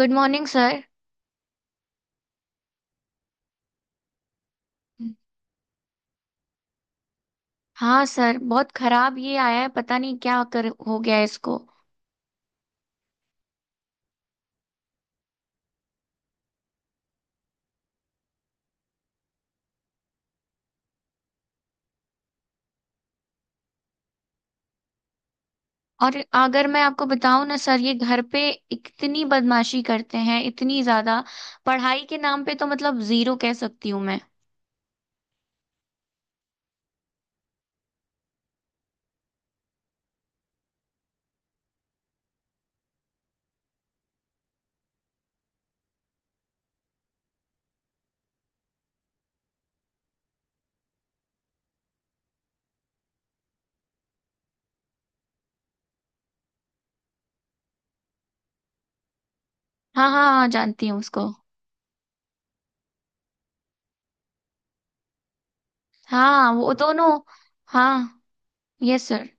Good morning sir. हाँ sir, बहुत खराब ये आया है। पता नहीं क्या कर हो गया है इसको। और अगर मैं आपको बताऊं ना सर, ये घर पे इतनी बदमाशी करते हैं, इतनी ज्यादा। पढ़ाई के नाम पे तो मतलब जीरो कह सकती हूँ मैं। हाँ हाँ हाँ, जानती हूँ उसको। हाँ, वो दोनों। हाँ। Yes sir.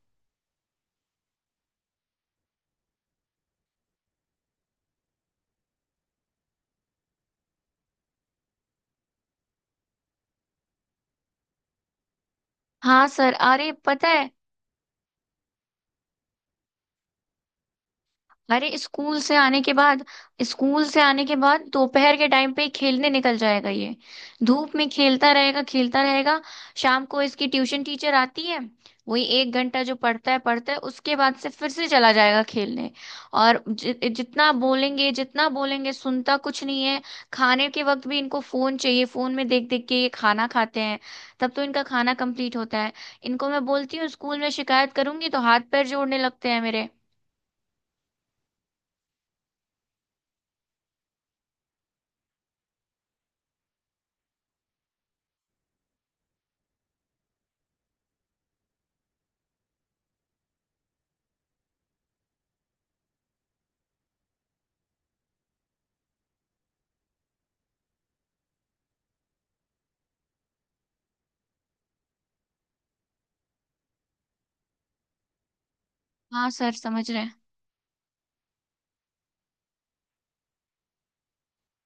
हाँ सर, अरे पता है। अरे, स्कूल से आने के बाद, स्कूल से आने के बाद दोपहर के टाइम पे ही खेलने निकल जाएगा ये। धूप में खेलता रहेगा, खेलता रहेगा। शाम को इसकी ट्यूशन टीचर आती है। वही एक घंटा जो पढ़ता है पढ़ता है, उसके बाद से फिर से चला जाएगा खेलने। और जितना बोलेंगे सुनता कुछ नहीं है। खाने के वक्त भी इनको फोन चाहिए, फोन में देख देख के ये खाना खाते हैं, तब तो इनका खाना कंप्लीट होता है। इनको मैं बोलती हूँ स्कूल में शिकायत करूंगी तो हाथ पैर जोड़ने लगते हैं मेरे। हाँ सर, समझ रहे हैं।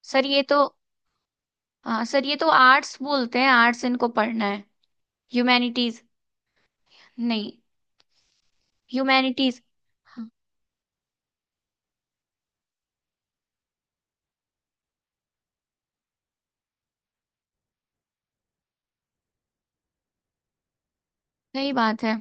सर ये तो हाँ सर, ये तो आर्ट्स बोलते हैं, आर्ट्स इनको पढ़ना है। ह्यूमैनिटीज। नहीं, ह्यूमैनिटीज। हाँ, सही बात है।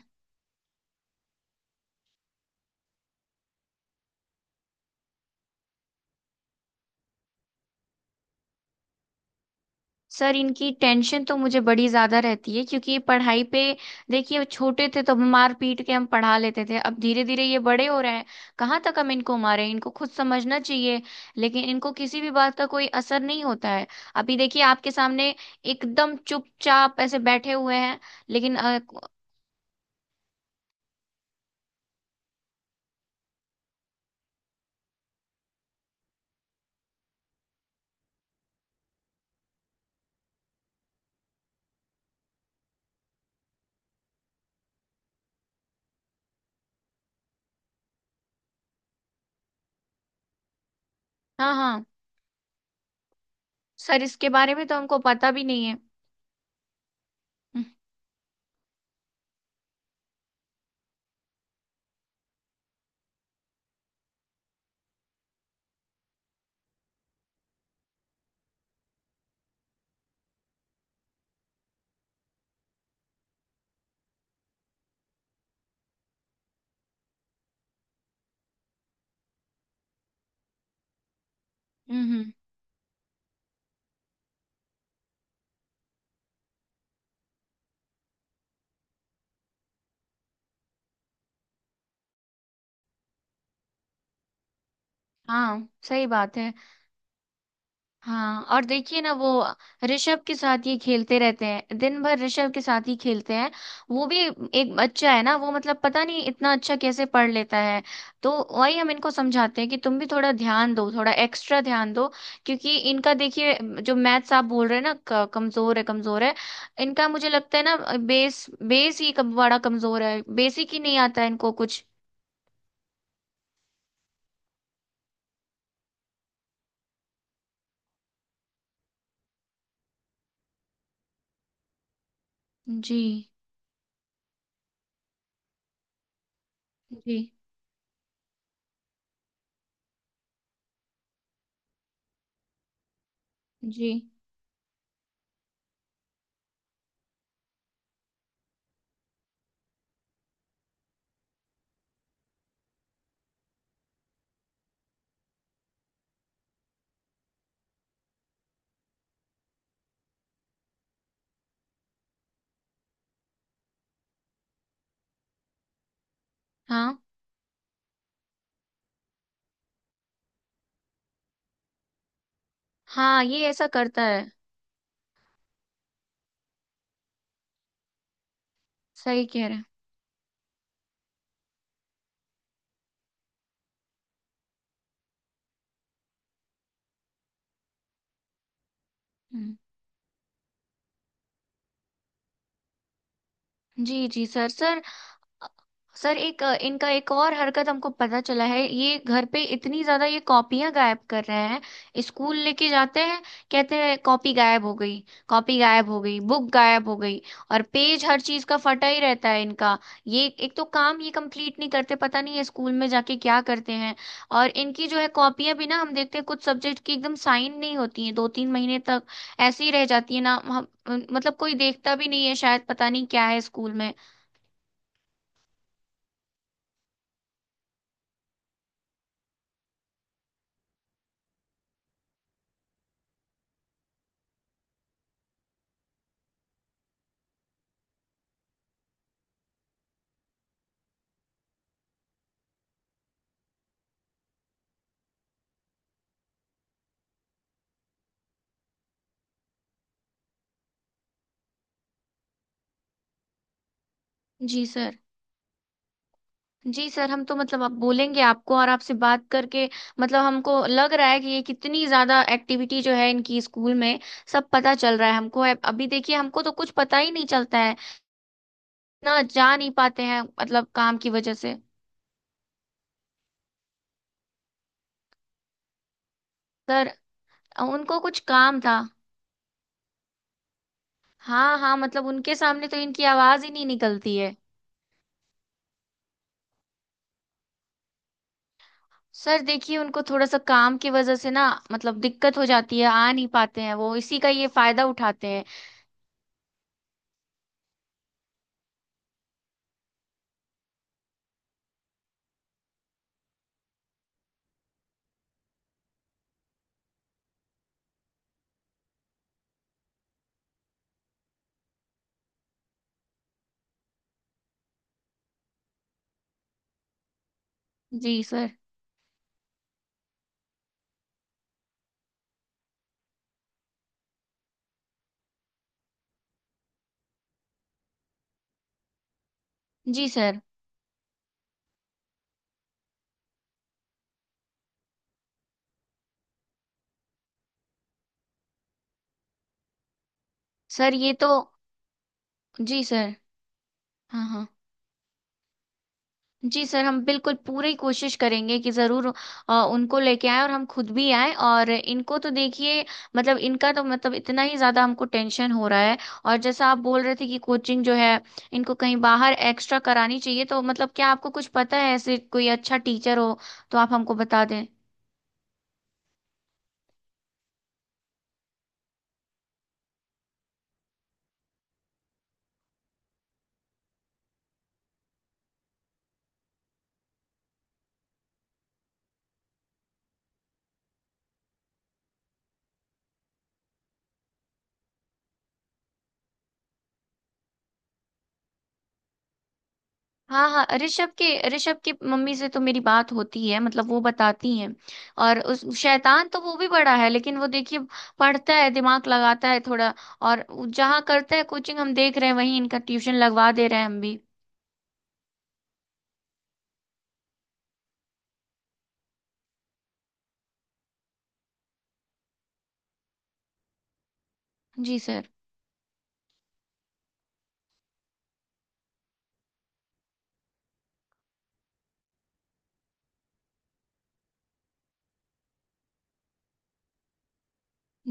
सर, इनकी टेंशन तो मुझे बड़ी ज्यादा रहती है क्योंकि ये पढ़ाई पे, देखिए छोटे थे तो हम मार पीट के हम पढ़ा लेते थे, अब धीरे धीरे ये बड़े हो रहे हैं। कहाँ तक हम इनको मारें, इनको खुद समझना चाहिए। लेकिन इनको किसी भी बात का कोई असर नहीं होता है। अभी देखिए आपके सामने एकदम चुपचाप ऐसे बैठे हुए हैं। लेकिन अ, हाँ हाँ, सर इसके बारे में तो हमको पता भी नहीं है। हम्म। हम्म, हाँ सही बात है। हाँ और देखिए ना, वो ऋषभ के साथ ये खेलते रहते हैं, दिन भर ऋषभ के साथ ही खेलते हैं। वो भी एक बच्चा है ना, वो मतलब पता नहीं इतना अच्छा कैसे पढ़ लेता है। तो वही हम इनको समझाते हैं कि तुम भी थोड़ा ध्यान दो, थोड़ा एक्स्ट्रा ध्यान दो। क्योंकि इनका देखिए, जो मैथ्स आप बोल रहे हैं ना, कमजोर है, कमजोर है। इनका मुझे लगता है ना, बेस बेस ही कम, बड़ा कमजोर है, बेसिक ही नहीं आता है इनको कुछ। जी। जी जी। हाँ हाँ, ये ऐसा करता है। सही कह रहे हैं। हम्म। जी जी सर, सर। सर, इनका एक और हरकत हमको पता चला है, ये घर पे इतनी ज्यादा ये कॉपियां गायब कर रहे हैं। स्कूल लेके जाते हैं, कहते हैं कॉपी गायब हो गई, कॉपी गायब हो गई, बुक गायब हो गई। और पेज हर चीज का फटा ही रहता है इनका। ये एक तो काम ये कंप्लीट नहीं करते, पता नहीं ये स्कूल में जाके क्या करते हैं। और इनकी जो है कॉपियां भी ना, हम देखते हैं कुछ सब्जेक्ट की एकदम साइन नहीं होती है दो तीन महीने तक, ऐसी ही रह जाती है ना। हम मतलब कोई देखता भी नहीं है शायद, पता नहीं क्या है स्कूल में। जी सर। जी सर, हम तो मतलब आप बोलेंगे आपको, और आपसे बात करके मतलब हमको लग रहा है कि ये कितनी ज्यादा एक्टिविटी जो है इनकी स्कूल में, सब पता चल रहा है हमको। अभी देखिए, हमको तो कुछ पता ही नहीं चलता है, ना जा नहीं पाते हैं मतलब काम की वजह से। सर, उनको कुछ काम था। हाँ हाँ, मतलब उनके सामने तो इनकी आवाज ही नहीं निकलती है। सर देखिए, उनको थोड़ा सा काम की वजह से ना मतलब दिक्कत हो जाती है, आ नहीं पाते हैं, वो इसी का ये फायदा उठाते हैं। जी सर। जी सर। सर ये तो। जी सर। हाँ हाँ। जी सर, हम बिल्कुल पूरी कोशिश करेंगे कि ज़रूर उनको लेके आए, और हम खुद भी आए। और इनको तो देखिए, मतलब इनका तो मतलब इतना ही ज़्यादा हमको टेंशन हो रहा है। और जैसा आप बोल रहे थे कि कोचिंग जो है, इनको कहीं बाहर एक्स्ट्रा करानी चाहिए, तो मतलब क्या आपको कुछ पता है ऐसे कोई अच्छा टीचर हो, तो आप हमको बता दें। हाँ हाँ, ऋषभ के, ऋषभ की मम्मी से तो मेरी बात होती है, मतलब वो बताती हैं। और उस शैतान तो वो भी बड़ा है, लेकिन वो देखिए पढ़ता है, दिमाग लगाता है थोड़ा। और जहाँ करता है कोचिंग हम देख रहे हैं, वहीं इनका ट्यूशन लगवा दे रहे हैं हम भी। जी सर।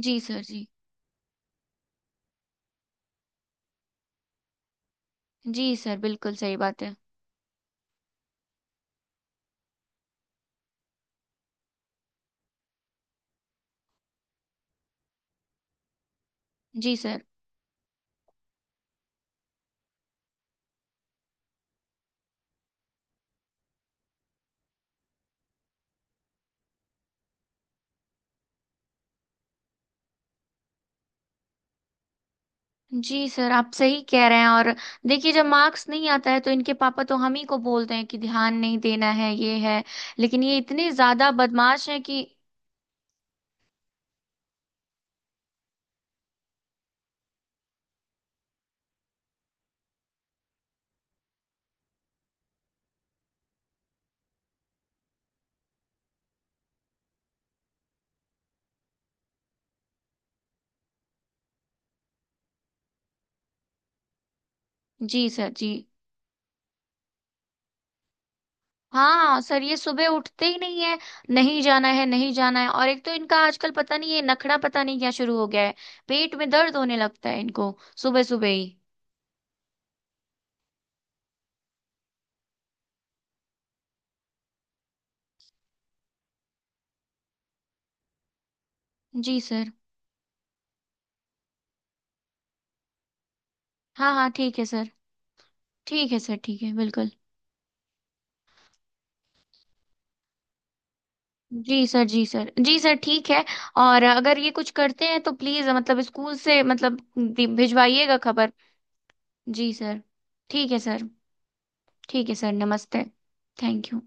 जी सर। जी। जी सर, बिल्कुल सही बात है। जी सर। जी सर, आप सही कह रहे हैं। और देखिए, जब मार्क्स नहीं आता है तो इनके पापा तो हम ही को बोलते हैं कि ध्यान नहीं देना है, ये है। लेकिन ये इतने ज्यादा बदमाश हैं कि, जी सर। जी। हाँ सर, ये सुबह उठते ही नहीं है। नहीं जाना है, नहीं जाना है। और एक तो इनका आजकल पता नहीं ये नखड़ा पता नहीं क्या शुरू हो गया है, पेट में दर्द होने लगता है इनको सुबह सुबह ही। जी सर। हाँ हाँ ठीक है सर। ठीक है सर। ठीक है, बिल्कुल। जी सर, जी सर, जी सर, ठीक है। और अगर ये कुछ करते हैं तो प्लीज मतलब स्कूल से मतलब भिजवाइएगा खबर। जी सर। ठीक है सर। ठीक है सर, नमस्ते। Thank you.